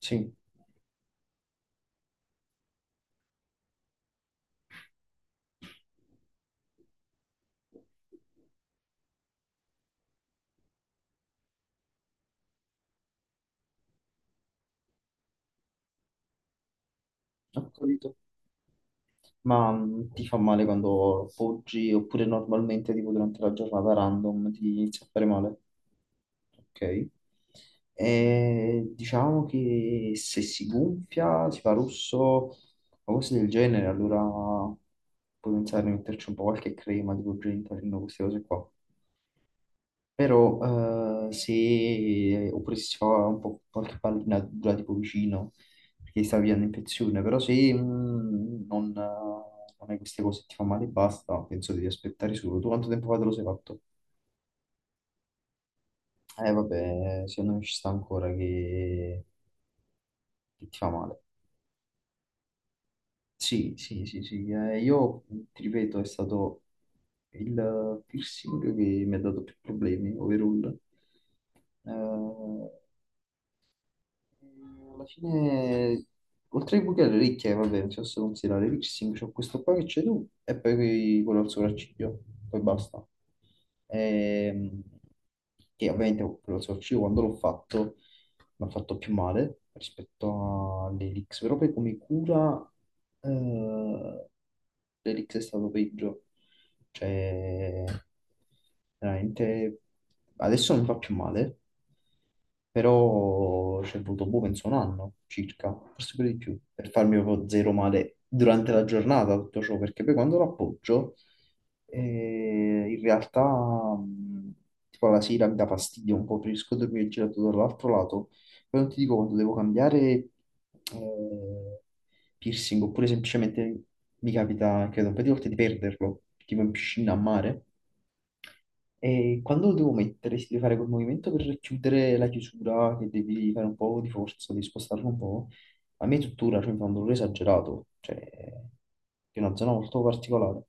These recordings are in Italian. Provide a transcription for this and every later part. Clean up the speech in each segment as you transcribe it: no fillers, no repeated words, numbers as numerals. Sì, ho capito. Ma ti fa male quando poggi oppure normalmente tipo durante la giornata random ti inizia a fare male? Ok. E diciamo che se si gonfia, si fa rosso o cose del genere, allora puoi pensare di metterci un po' qualche crema tipo Gentalin o queste cose qua. Però se, oppure se si fa un po' qualche pallina dura tipo vicino, perché sta via un'infezione, però se non hai queste cose, ti fa male e basta, penso devi aspettare solo. Tu quanto tempo fa te lo sei fatto? Eh vabbè, secondo me ci sta ancora che ti fa male. Sì, sì, sì, sì. Io ti ripeto, è stato il piercing che mi ha dato più problemi, overall. Eh, Alla fine, oltre ai buchi alle orecchie, vabbè, non si possono considerare. Lipsing, c'ho questo qua che c'è tu e poi quello al sopracciglio, poi basta, ehm, che ovviamente lo Source io quando l'ho fatto mi ha fatto più male rispetto all'Elix, però poi come cura eh, l'Elix è stato peggio, cioè veramente adesso non mi fa più male, però ci è voluto boh, penso un anno circa, forse pure di più, per farmi proprio zero male durante la giornata tutto ciò, perché poi quando lo appoggio e in realtà, tipo la sera mi dà fastidio un po', preferisco dormire girato dall'altro lato. Poi non ti dico quando devo cambiare eh, piercing, oppure semplicemente mi capita, credo, un paio di volte di perderlo, tipo in piscina a mare. E quando lo devo mettere, si deve fare quel movimento per chiudere la chiusura, che devi fare un po' di forza, devi spostarlo un po'. A me tuttora, cioè, mi fa un dolore esagerato, cioè, è una zona molto particolare.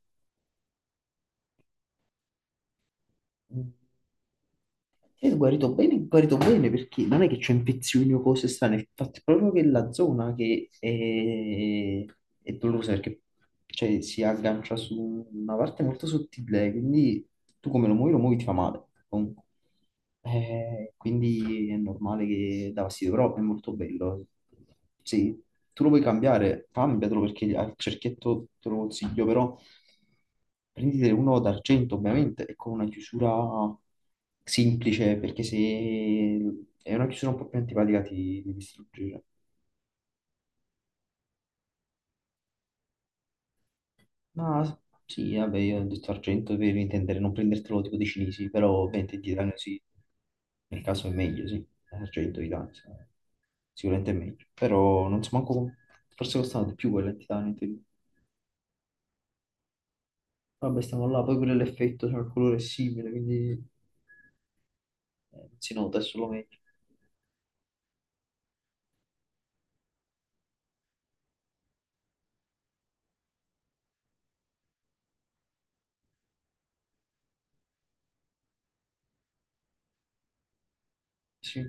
Sì, è guarito bene perché non è che c'è infezioni o cose strane, il fatto è proprio che la zona che è dolorosa perché cioè, si aggancia su una parte molto sottile, quindi tu come lo muovi ti fa male, comunque. Quindi è normale che dà fastidio, però è molto bello. Sì, tu lo puoi cambiare, cambiatelo perché al cerchietto te lo consiglio, però prendite uno d'argento ovviamente e con una chiusura semplice perché se è una chiusura un po' più antipatica ti devi distruggere. Ma sì, vabbè, io ho detto argento per intendere non prendertelo tipo dei cinesi, però ovviamente di danno sì, nel caso è meglio, sì, argento di danno sì. Sicuramente è meglio, però non so manco, forse costano di più quelle di titanio in teoria. Vabbè, stiamo là, poi pure l'effetto, cioè il colore è simile, quindi non si nota, è solo meglio. Sì.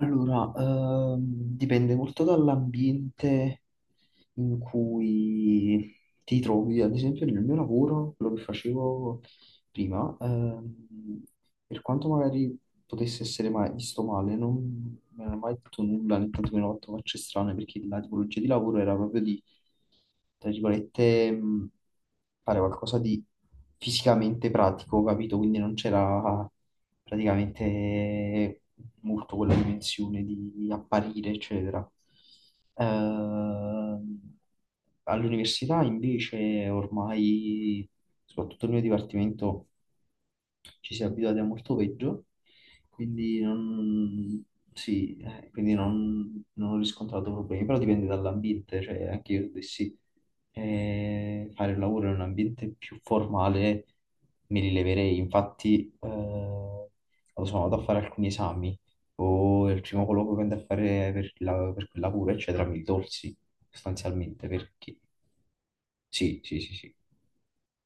Allora, dipende molto dall'ambiente in cui ti trovi. Ad esempio, nel mio lavoro, quello che facevo prima, per quanto magari potesse essere mai visto male, non mi hanno mai detto nulla, né tantomeno fatto facce strane, perché la tipologia di lavoro era proprio di, tra virgolette, fare qualcosa di fisicamente pratico, capito? Quindi non c'era praticamente molto quella dimensione di apparire, eccetera. Ehm, All'università invece ormai, soprattutto nel mio dipartimento, ci si è abituati a molto peggio, quindi non, sì, quindi non ho riscontrato problemi, però dipende dall'ambiente, cioè anche io dovessi fare il lavoro in un ambiente più formale me li leverei, infatti quando sono andato a fare alcuni esami, o il primo colloquio che andai a fare per, per quella cura, eccetera, mi tolsi sostanzialmente perché sì, sì, sì, sì.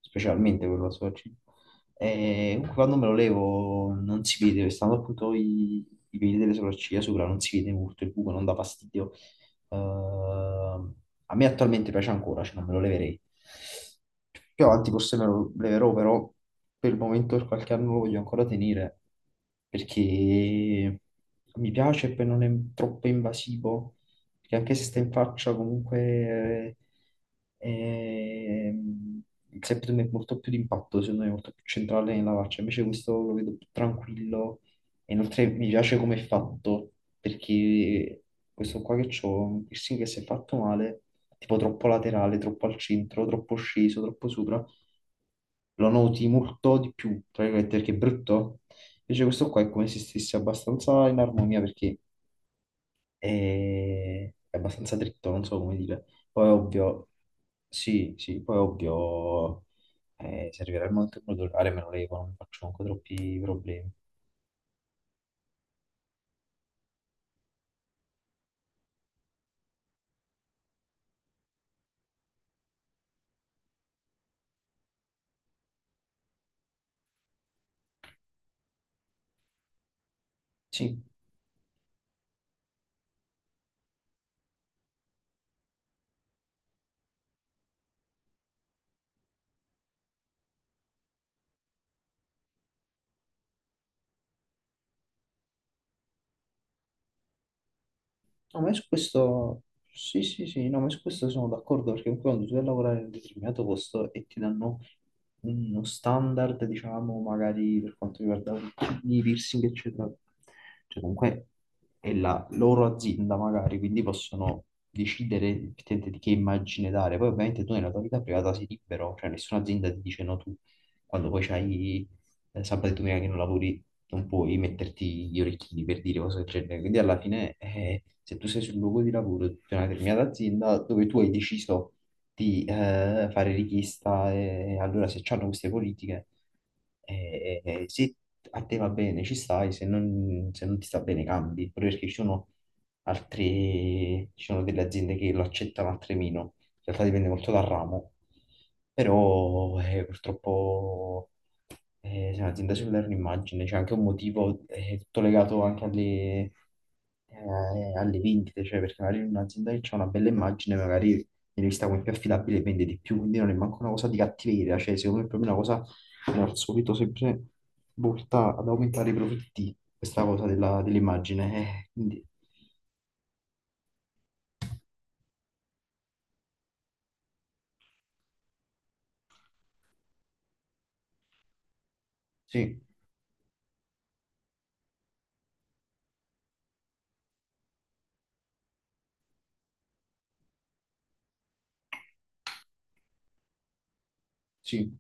Specialmente quello a soggetto. E comunque quando me lo levo non si vede, stando appunto i peli delle sopracciglia sopra, non si vede molto il buco, non dà fastidio. Ehm, A me attualmente piace ancora, cioè non me lo leverei. Più avanti forse me lo leverò, però per il momento per qualche anno lo voglio ancora tenere, perché mi piace e poi non è troppo invasivo perché anche se stai in faccia, comunque ehm, il septum è molto più d'impatto, secondo me, è molto più centrale nella faccia. Invece questo lo vedo più tranquillo. E inoltre mi piace come è fatto, perché questo qua che c'ho, un piercing che si è fatto male, tipo troppo laterale, troppo al centro, troppo sceso, troppo sopra, lo noti molto di più, tra virgolette, perché è brutto. Invece questo qua è come se stesse abbastanza in armonia, perché è abbastanza dritto, non so come dire. Poi ovvio, sì, sì, poi ovvio, se arriverà il momento in cui devo lavorare me lo levo, non mi faccio comunque troppi problemi. Sì, no, ma su questo, sì, sì, sì, no, ma su questo sono d'accordo perché comunque quando tu vai a lavorare in un determinato posto e ti danno uno standard, diciamo, magari per quanto riguarda i piercing, eccetera, cioè comunque è la loro azienda magari, quindi possono decidere effettivamente di che immagine dare. Poi ovviamente tu nella tua vita privata sei libero, cioè nessuna azienda ti dice no tu, quando poi c'hai sabato e domenica che non lavori non puoi metterti gli orecchini per dire cose del genere. Quindi alla fine, se tu sei sul luogo di lavoro di una determinata azienda dove tu hai deciso di fare richiesta, e allora se c'hanno queste politiche, se a te va bene ci stai, se non ti sta bene cambi, proprio perché ci sono altre, ci sono delle aziende che lo accettano, altre meno. In realtà dipende molto dal ramo, però purtroppo sì, un'azienda cellulare è un'immagine, c'è anche un motivo, è tutto legato anche alle vendite, cioè perché magari in un'azienda che c'è una bella immagine, magari viene vista come più affidabile e vende di più, quindi non è manco una cosa di cattiveria, cioè secondo me è proprio una cosa come al solito sempre volta ad aumentare i profitti, questa cosa dell'immagine, quindi sì, sì,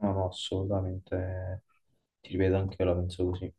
no, no, assolutamente, ti ripeto, anche io la penso così.